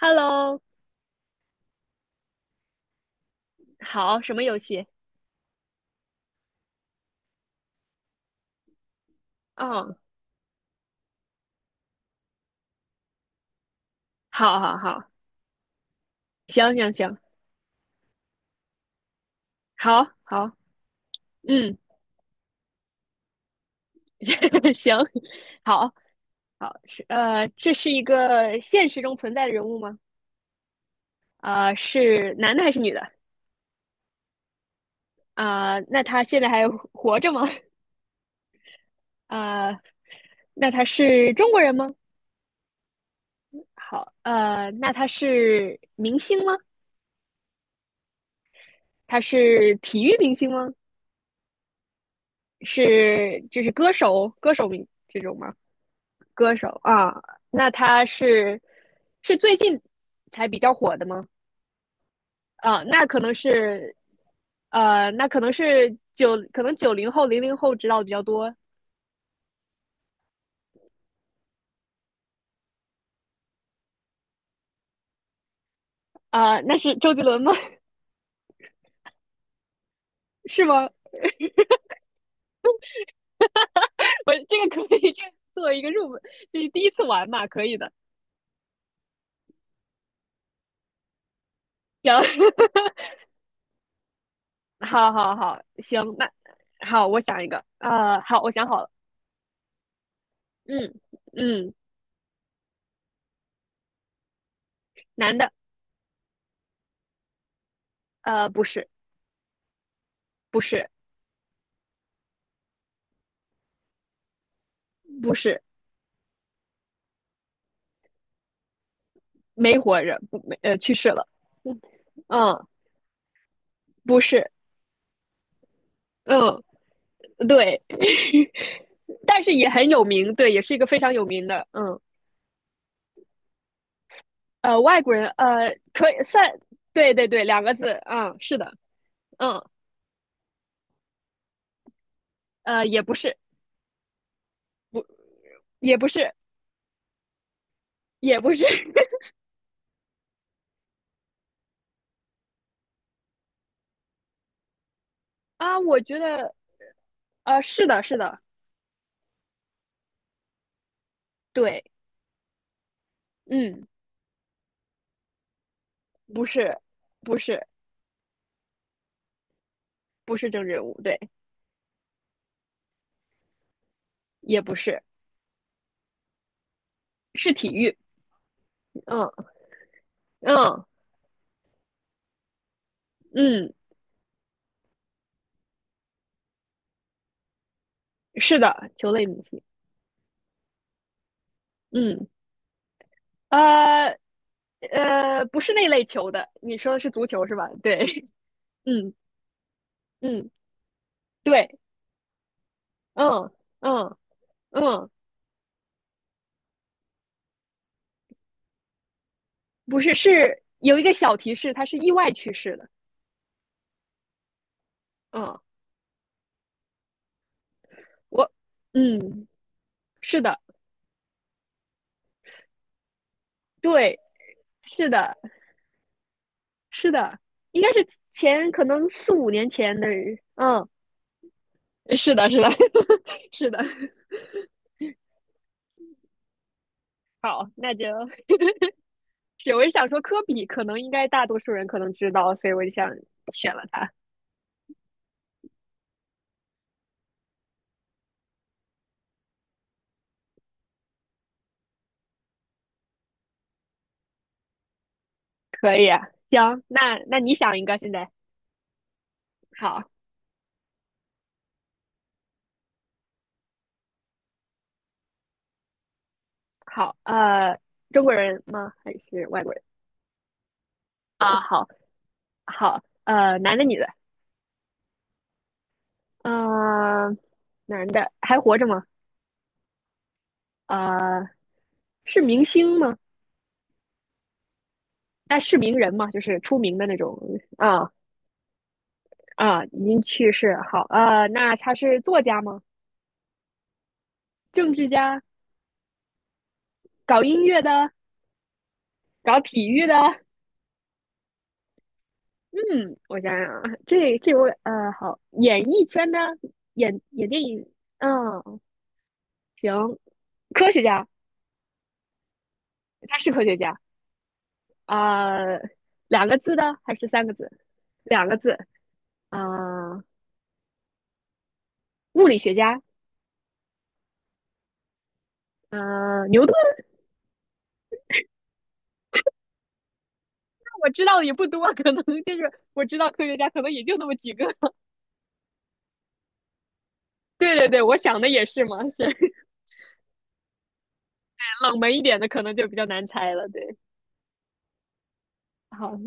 Hello，好，什么游戏？嗯，好好好，行行行，好好，嗯，行，好好，这是一个现实中存在的人物吗？是男的还是女的？啊，那他现在还活着吗？啊，那他是中国人吗？好，那他是明星吗？他是体育明星吗？是就是歌手名这种吗？歌手啊，那他是最近才比较火的吗？啊，那可能是，那可能是可能90后、00后知道的比较多。啊、那是周杰伦吗？是吗？我这个可以，这个作为一个入门，就是第一次玩嘛，可以的。行，好好好，行，那好，我想一个。啊，好，我想好了。嗯嗯，男的。不是。不是。不是。没活着，不没，呃，去世了。嗯。不是。嗯，对，但是也很有名，对，也是一个非常有名的，嗯。外国人，可以算。对对对，两个字，嗯，是的。嗯。也不是。也不是。也不是 啊，我觉得，是的，是的。对。嗯。不是。不是。不是政治人物，对。也不是。是体育。嗯嗯嗯，是的，球类明星。嗯。呃。不是那类球的，你说的是足球是吧？对。嗯嗯，对。嗯嗯嗯，不是，是有一个小提示，它是意外去世的。嗯。我，嗯，是的。对。是的。是的。应该是可能四五年前的人。嗯，是的，是的，是的。好，那就 是我是想说科比，可能应该大多数人可能知道，所以我就想选了他。可以啊，行，那你想一个现在？好，好，中国人吗？还是外国人？啊，好，好，男的，女的。呃，男的还活着吗？呃，是明星吗？哎、是名人吗？就是出名的那种。啊啊，已经去世。好，那他是作家吗？政治家？搞音乐的？搞体育的？嗯，我想想啊，这位,好，演艺圈的，演电影。嗯。行。科学家。他是科学家啊。两个字的还是三个字？两个字啊。物理学家。啊，牛顿。我知道的也不多，可能就是我知道科学家可能也就那么几个。对对对，我想的也是嘛，是冷门一点的可能就比较难猜了。对。好，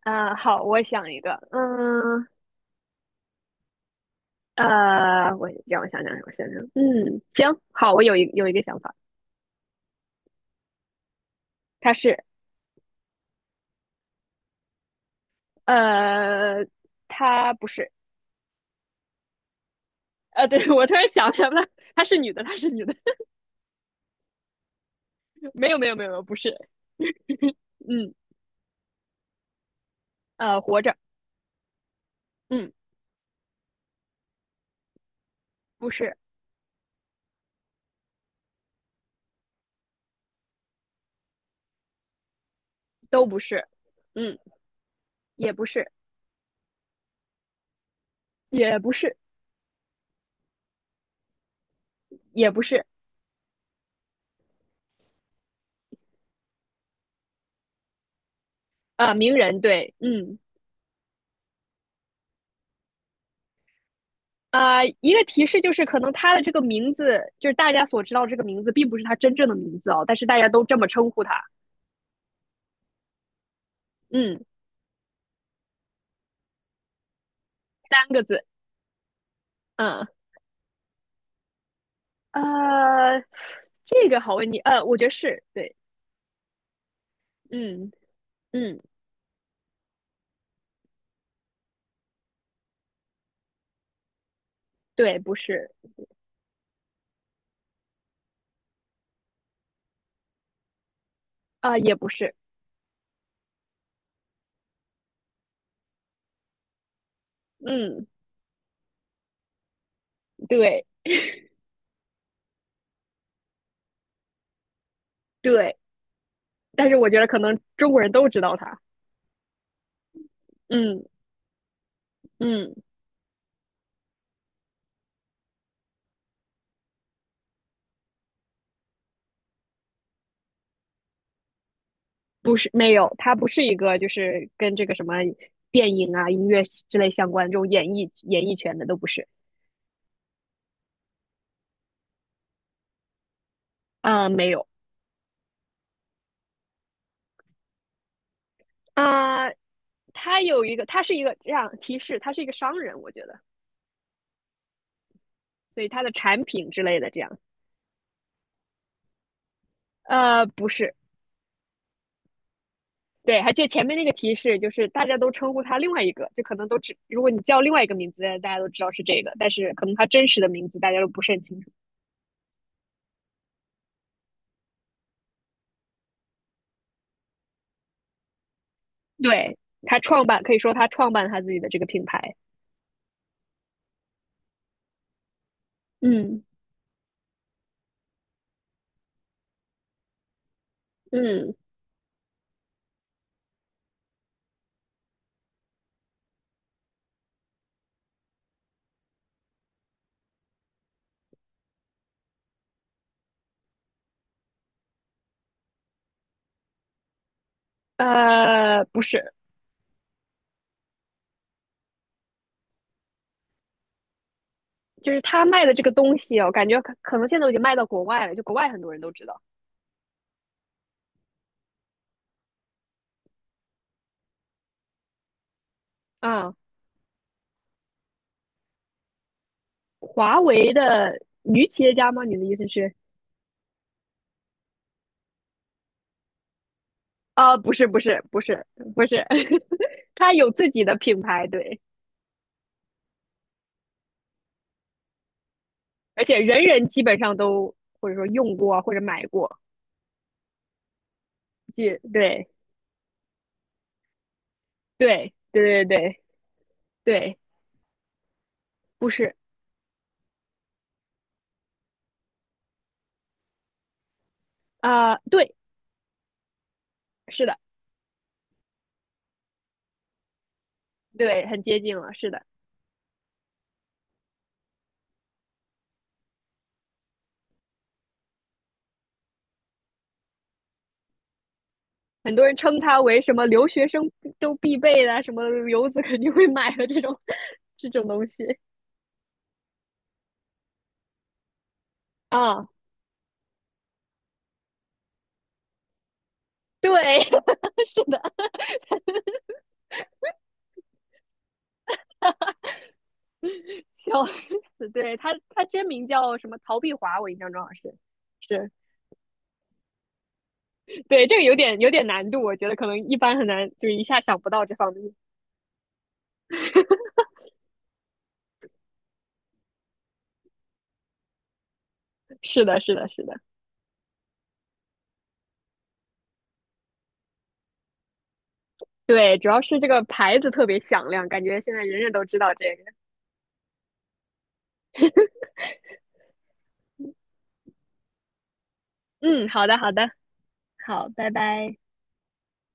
啊、好，我想一个。嗯，我让我想想，让我想想，嗯，行，好，我有一个想法。她是呃，她不是。对，我突然想起来了，她是女的，她是女的。没有没有没有，不是。嗯。活着。嗯。不是。都不是。嗯。也不是。也不是。也不是。啊、名人对，嗯。啊、一个提示就是可能他的这个名字，就是大家所知道这个名字，并不是他真正的名字哦，但是大家都这么称呼他。嗯。三个字。嗯。呃，这个好问题，我觉得是对。嗯嗯。对。不是。啊、也不是。嗯。对对，但是我觉得可能中国人都知道他。嗯嗯。不是，没有，它不是一个就是跟这个什么电影啊、音乐之类相关这种演艺圈的都不是。啊，没有。啊，它有一个，它是一个这样提示，他是一个商人，我觉得，所以他的产品之类的这样。不是。对，还记得前面那个提示，就是大家都称呼他另外一个，就可能都只，如果你叫另外一个名字，大家都知道是这个，但是可能他真实的名字大家都不是很清楚。对，他创办，可以说他创办他自己的这个品牌。嗯嗯。不是。就是他卖的这个东西哦，我感觉可能现在都已经卖到国外了，就国外很多人都知道。嗯，华为的女企业家吗？你的意思是？啊、不是，不是，不是。不是，他有自己的品牌，对。而且人人基本上都或者说用过或者买过。就对，对，对，对，对，对。不是。啊、对。是的。对，很接近了，是的。很多人称它为什么留学生都必备的，什么游子肯定会买的这种。这种东西 啊，对，是的。笑死，对他真名叫什么？曹碧华，我印象中好像是。是对这个有点难度，我觉得可能一般很难，就是一下想不到这方面。是的，是的，是的。对，主要是这个牌子特别响亮，感觉现在人人都知道这个。嗯，好的，好的。好，拜拜。